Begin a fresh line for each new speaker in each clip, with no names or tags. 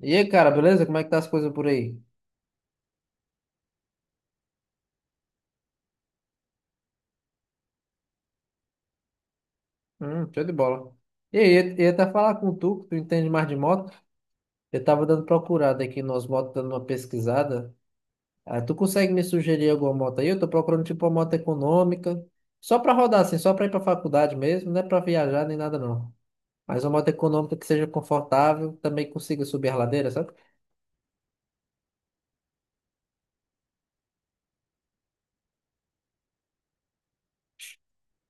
E aí, cara, beleza? Como é que tá as coisas por aí? Show de bola. E aí, eu ia até falar com tu, que tu entende mais de moto. Eu tava dando procurada aqui nas motos, dando uma pesquisada. Ah, tu consegue me sugerir alguma moto aí? Eu tô procurando tipo uma moto econômica, só pra rodar assim, só pra ir pra faculdade mesmo, não é pra viajar nem nada não. Mas uma moto econômica que seja confortável, também consiga subir a ladeira, sabe?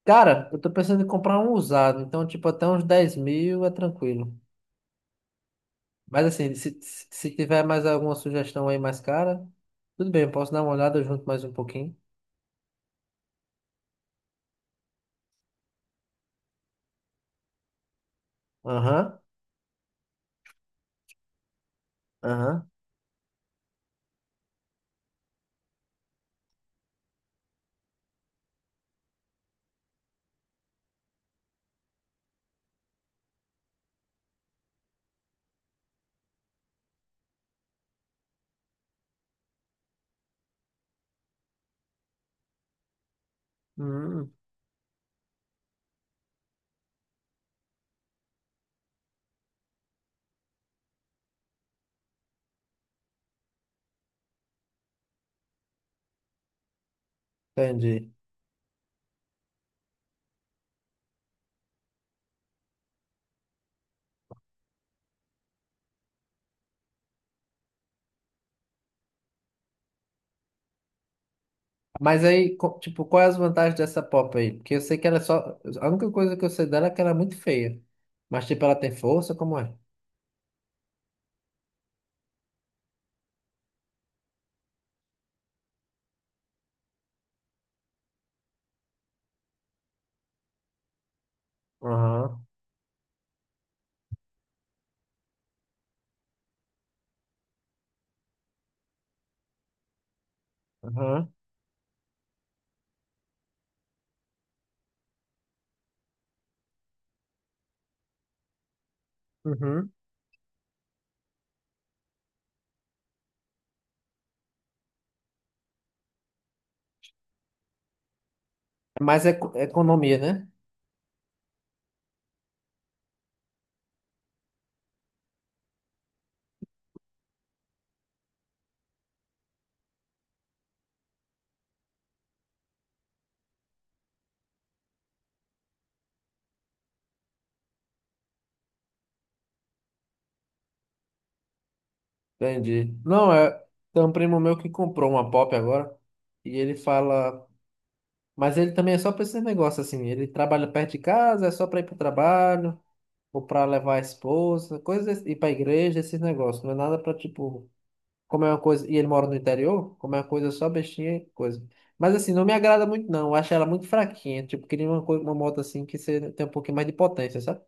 Cara, eu tô pensando em comprar um usado, então tipo até uns 10 mil é tranquilo. Mas assim, se tiver mais alguma sugestão aí mais cara, tudo bem, eu posso dar uma olhada junto mais um pouquinho. Aham, aham. Hum, entendi. Mas aí, tipo, quais as vantagens dessa pop aí? Porque eu sei que ela é só. A única coisa que eu sei dela é que ela é muito feia. Mas, tipo, ela tem força, como é? Aham, aham, uhum. Mas é economia, né? Entendi. Não, é. Tem um primo meu que comprou uma pop agora. E ele fala. Mas ele também é só pra esse negócio assim. Ele trabalha perto de casa, é só pra ir pro trabalho, ou pra levar a esposa, coisas, ir pra igreja, esses negócios. Não é nada pra tipo, como é uma coisa. E ele mora no interior, como é uma coisa só bestinha, e coisa. Mas assim, não me agrada muito, não. Eu acho ela muito fraquinha. Tipo, queria uma moto assim que você tem um pouquinho mais de potência, sabe?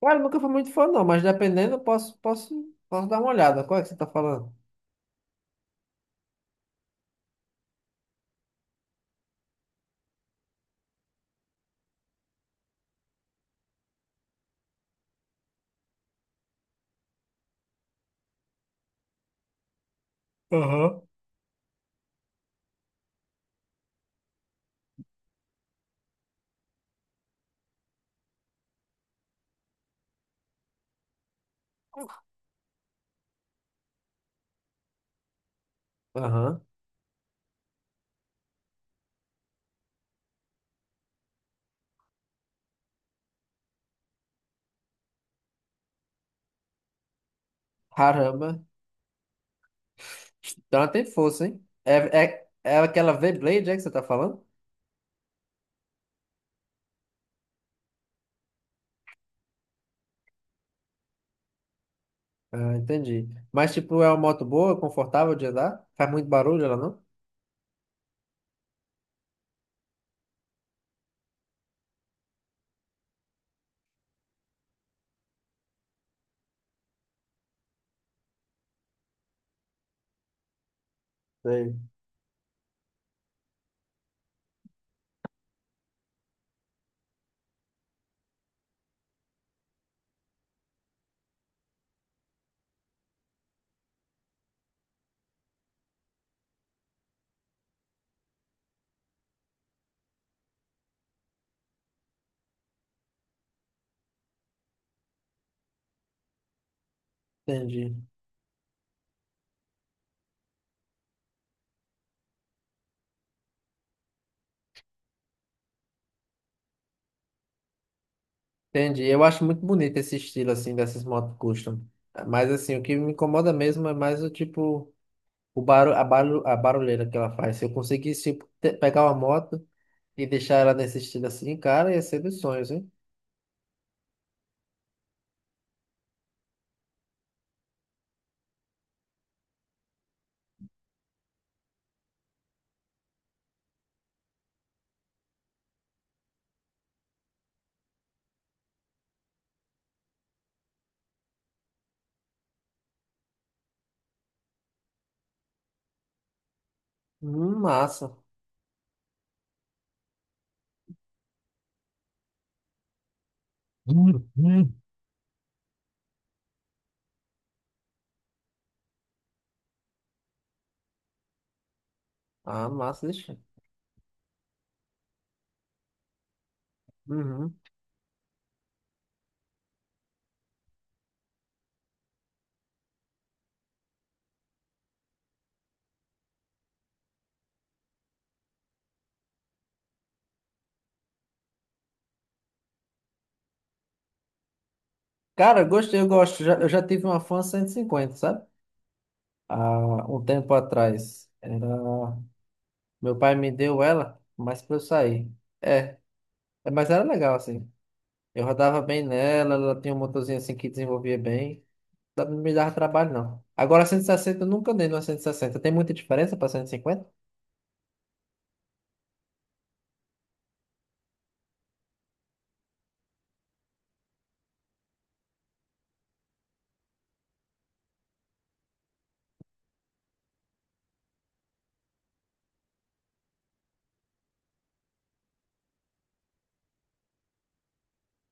Cara, eu nunca fui muito fã, não, mas dependendo, eu posso dar uma olhada. Qual é que você tá falando? Aham. Aham. Caramba. Então ela tem força, hein? É aquela V-Blade, é que você tá falando? Ah, entendi. Mas, tipo, é uma moto boa, confortável de andar? Faz muito barulho ela, não? Sei. Entendi. Entendi. Eu acho muito bonito esse estilo, assim, dessas motos custom. Mas, assim, o que me incomoda mesmo é mais o tipo, o barulho, a barulheira que ela faz. Se eu conseguisse, tipo, pegar uma moto e deixar ela nesse estilo assim, cara, ia ser dos sonhos, hein? Massa. Hum, hum. Ah, massa, deixa. Uhum. Cara, eu gostei, eu gosto. Eu já tive uma Fan 150, sabe? Há um tempo atrás. Meu pai me deu ela, mas pra eu sair. É, mas era legal, assim. Eu rodava bem nela, ela tinha um motorzinho assim que desenvolvia bem. Não me dava trabalho, não. Agora, 160, eu nunca andei numa 160. Tem muita diferença pra 150?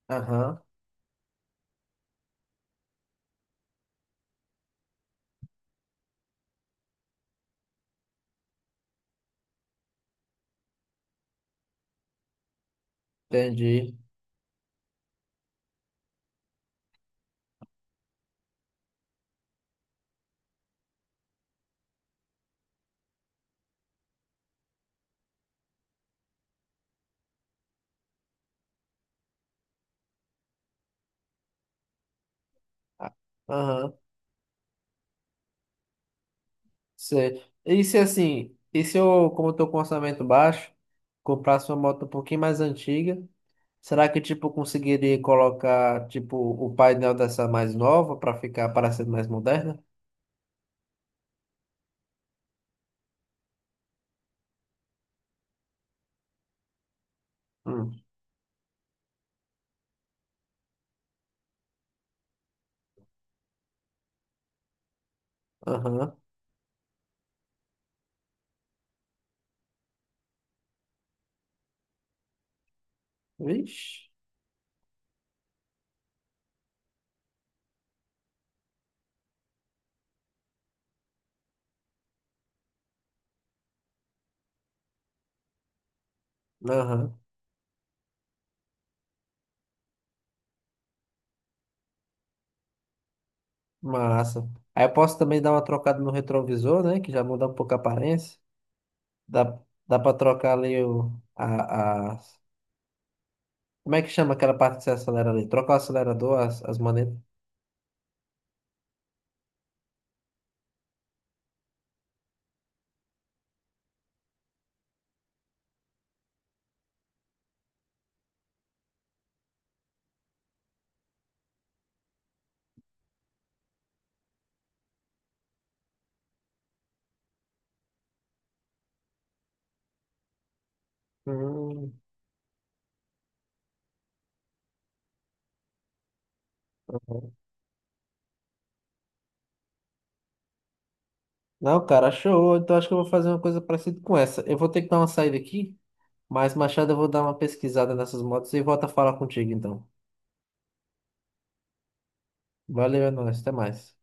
Aham, entendi. Ah, aham, sei. E se eu, como eu tô com orçamento baixo, comprasse uma moto um pouquinho mais antiga? Será que, tipo, eu conseguiria colocar, tipo, o painel dessa mais nova para ficar parecendo mais moderna? Hum. Aham. Vixe. Aham. Massa. Aí eu posso também dar uma trocada no retrovisor, né? Que já muda um pouco a aparência. Dá, dá pra trocar ali Como é que chama aquela parte que você acelera ali? Troca o acelerador, as manetas. Hum. Aham. Não, cara, show. Então acho que eu vou fazer uma coisa parecida com essa. Eu vou ter que dar uma saída aqui. Mas, Machado, eu vou dar uma pesquisada nessas motos e volto a falar contigo, então. Valeu, é nóis, até mais.